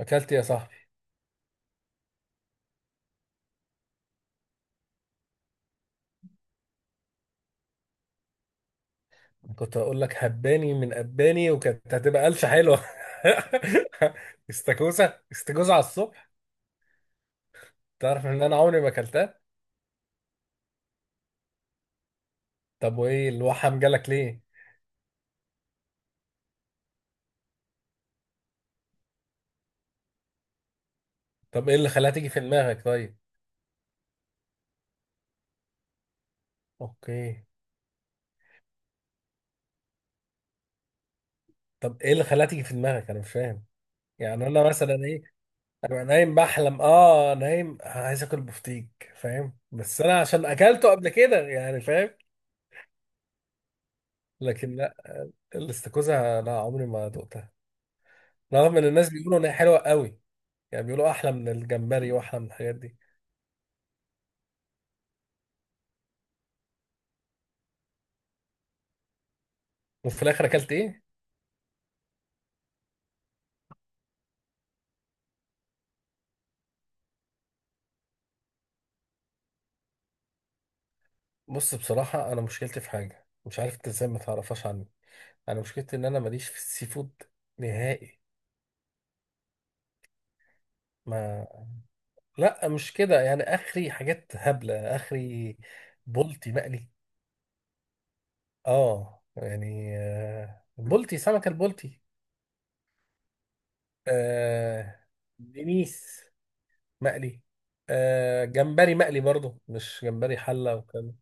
اكلت يا صاحبي. كنت هقول لك هباني من اباني، وكانت هتبقى قلشه حلوه. استاكوزا استاكوزا على الصبح! تعرف ان انا عمري ما اكلتها؟ طب وايه الوحم جالك ليه؟ طب ايه اللي خلاها تيجي في دماغك؟ طيب. اوكي. طب ايه اللي خلاها تيجي في دماغك؟ انا مش فاهم. يعني انا مثلا ايه؟ انا نايم بحلم، اه، نايم، أنا عايز اكل بفتيك، فاهم؟ بس انا عشان اكلته قبل كده، يعني، فاهم. لكن لا. الاستاكوزا لا، عمري ما دقتها. رغم ان الناس بيقولوا ان هي حلوه قوي. يعني بيقولوا احلى من الجمبري واحلى من الحاجات دي. وفي الاخر اكلت ايه؟ بص، بصراحه، انا مشكلتي في حاجه، مش عارف انت ازاي ما تعرفهاش عني. انا مشكلتي ان انا ماليش في السي فود. نهائي. ما لا، مش كده، يعني اخري حاجات هبله اخري. بولتي مقلي. اه، يعني بولتي، سمكه البولتي. آه دنيس مقلي. جمبري مقلي برضو، مش جمبري حله وكده.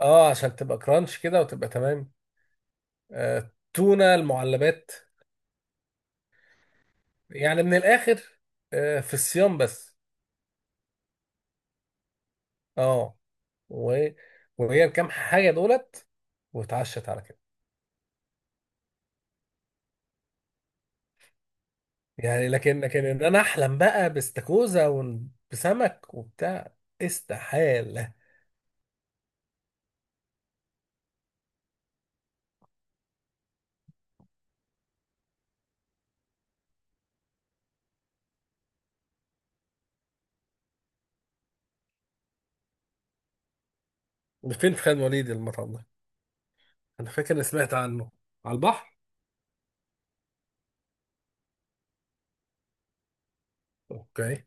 اه، عشان تبقى كرانش كده وتبقى تمام. تونة المعلبات. يعني من الآخر. في الصيام بس. اه. و- وهي الكام حاجة دولت، واتعشت على كده. يعني، لكن ان انا احلم بقى باستاكوزا وبسمك وبتاع. استحالة. ده فين، في خان وليد المطعم ده؟ انا فاكر اني سمعت عنه. على البحر. اوكي.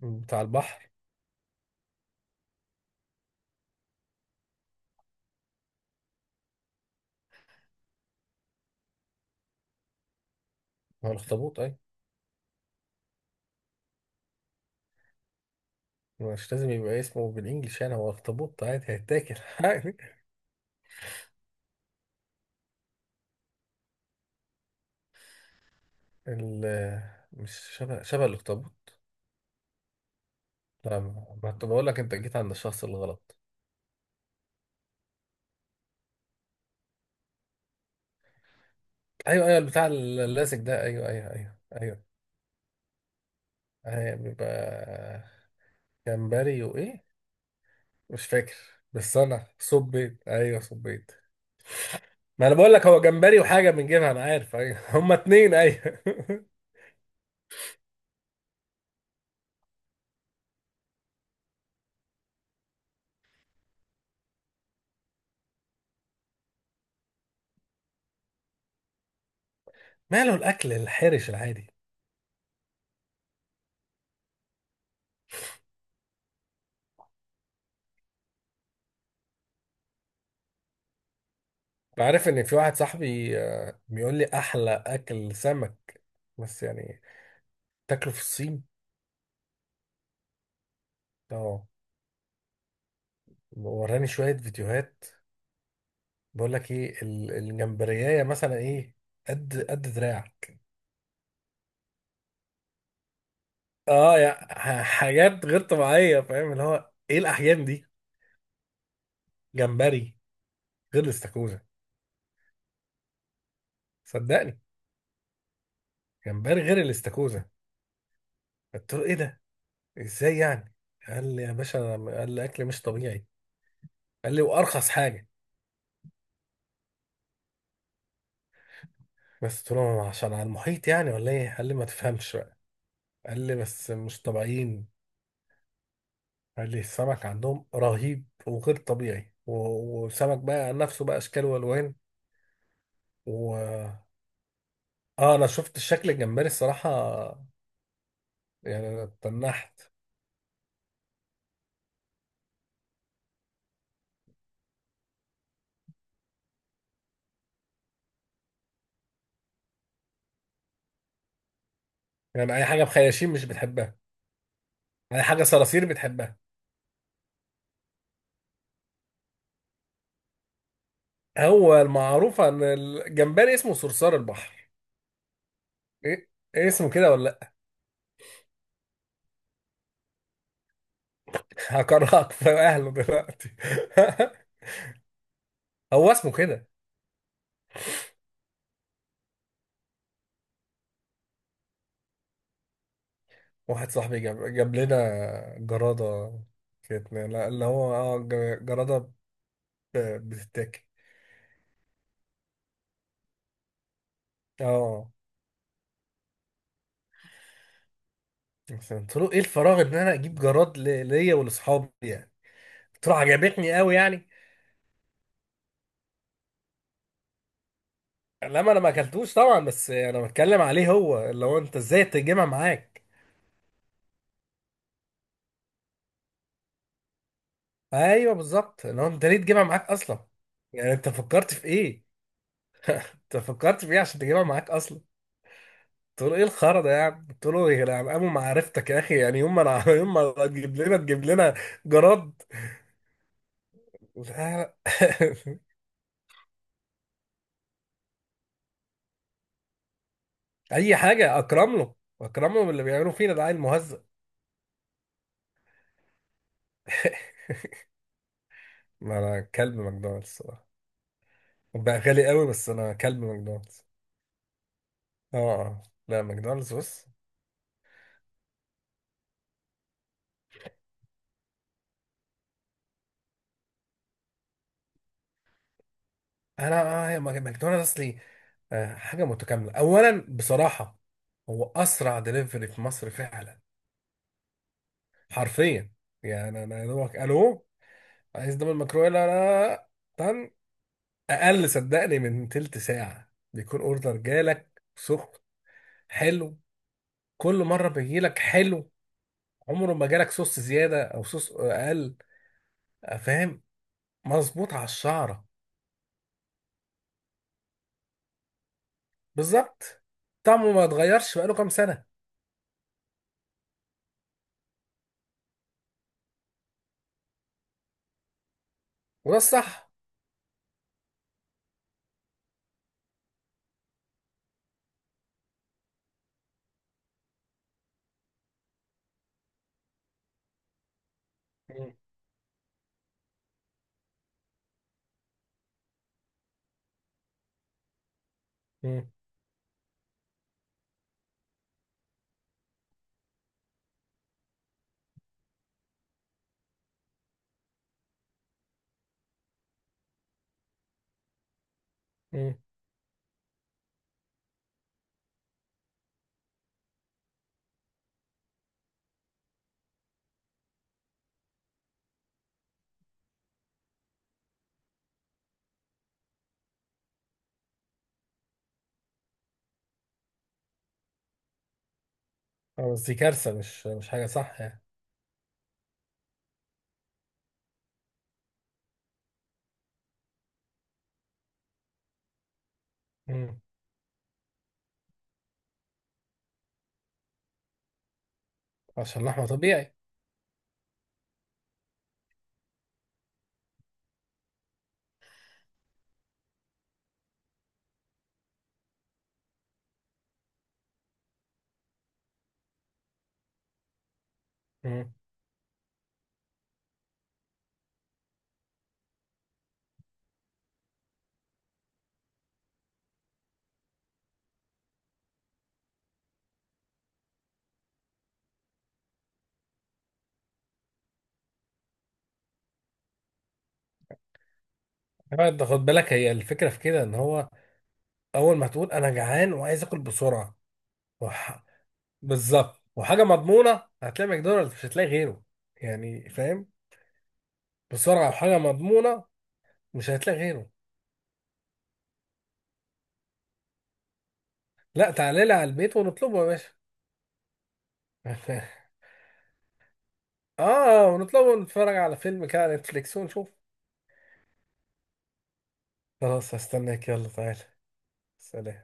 بتاع البحر. ما هو الاخطبوط اي؟ مش لازم يبقى اسمه بالانجلش، يعني هو اخطبوط عادي هيتاكل عادي. ال- مش شبه الاخطبوط. فاهم؟ ما كنت بقول لك انت جيت عند الشخص الغلط. ايوه، ايوه، البتاع اللاسك ده، ايوه، ايوه، ايوه. ايوه، ايوه، بيبقى جمبري وايه؟ مش فاكر. بس انا صبيت، ايوه، صبيت. ما انا بقول لك هو جمبري وحاجه بنجيبها، انا عارف، ايوه، هما اتنين، ايوه. ماله الاكل الحرش العادي؟ بعرف ان في واحد صاحبي بيقول لي احلى اكل سمك. بس يعني تاكله في الصين. اه، وراني شويه فيديوهات. بقول لك ايه، الجمبريايه مثلا ايه؟ قد دراع. اه يا، حاجات غير طبيعيه، فاهم؟ اللي هو ايه، الاحيان دي. جمبري غير الاستاكوزا. صدقني، جمبري غير الاستاكوزا. قلت له ايه ده؟ ازاي يعني؟ قال لي يا باشا، قال لي اكل مش طبيعي. قال لي وارخص حاجه. بس قلت له عشان على المحيط يعني، ولا ايه؟ قال لي ما تفهمش بقى. قال لي بس مش طبيعيين. قال لي السمك عندهم رهيب وغير طبيعي، و- وسمك بقى عن نفسه بقى اشكال والوان. اه، انا شفت الشكل الجمبري الصراحه. يعني انا اتنحت. يعني اي حاجه بخياشيم مش بتحبها؟ اي حاجه صراصير بتحبها؟ هو المعروف ان الجمبري اسمه صرصار البحر. ايه؟ ايه، اسمه كده ولا لا؟ هكرهك في اهله دلوقتي. هو اسمه كده؟ واحد صاحبي جاب لنا جراده. كانت، لا، اللي هو جراده. بتتاكل. اه، بس قلت له ايه الفراغ ان انا اجيب جراد ليا ولاصحابي، يعني. قلت له عجبتني قوي، يعني. لا، ما انا ما اكلتوش طبعا، بس انا بتكلم عليه، هو اللي هو انت ازاي تجيبها معاك؟ ايوه بالظبط، اللي هو انت ليه تجيبها معاك اصلا؟ يعني انت فكرت في ايه؟ انت فكرت في ايه عشان تجيبها معاك اصلا؟ قلت له ايه الخرا ده يا عم، قلت له يا عم قاموا معرفتك يا اخي، يعني يوم ما انا يوم ما تجيب لنا جراد. لا. اي حاجه اكرم له. اكرم له باللي بيعملوا فينا، ده عيل مهزأ. ما انا كلب ماكدونالدز الصراحه. بقى غالي قوي، بس انا كلب ماكدونالدز. اه. آه. لا، ماكدونالدز، بص. انا هي ماكدونالدز اصلي. حاجه متكامله اولا بصراحه. هو اسرع دليفري في مصر فعلا. حرفيا. يعني انا يا دوبك الو، عايز دبل مكرويلا، لا لا لا، طن، اقل صدقني من تلت ساعه بيكون اوردر جالك سخن. حلو. كل مره بيجيلك حلو. عمره ما جالك صوص زياده او صوص اقل. فاهم. مظبوط على الشعره. بالظبط. طعمه ما اتغيرش بقاله كام سنه. وده الصح. مم. مم. اه، بس دي كارثة، مش حاجة صح يعني. مم. عشان اللحمة طبيعي. مم. انت خد بالك، هي الفكرة في كده ان هو، اول ما تقول انا جعان وعايز اكل بسرعة. وح... بالظبط، وحاجة مضمونة هتلاقي ماكدونالدز، مش هتلاقي غيره. يعني فاهم؟ بسرعة وحاجة مضمونة. مش هتلاقي غيره. لا، تعالى لي على البيت ونطلبه يا باشا. اه، ونطلبه ونتفرج على فيلم كده على نتفليكس ونشوف. خلاص هستناك، يلا تعالى. سلام.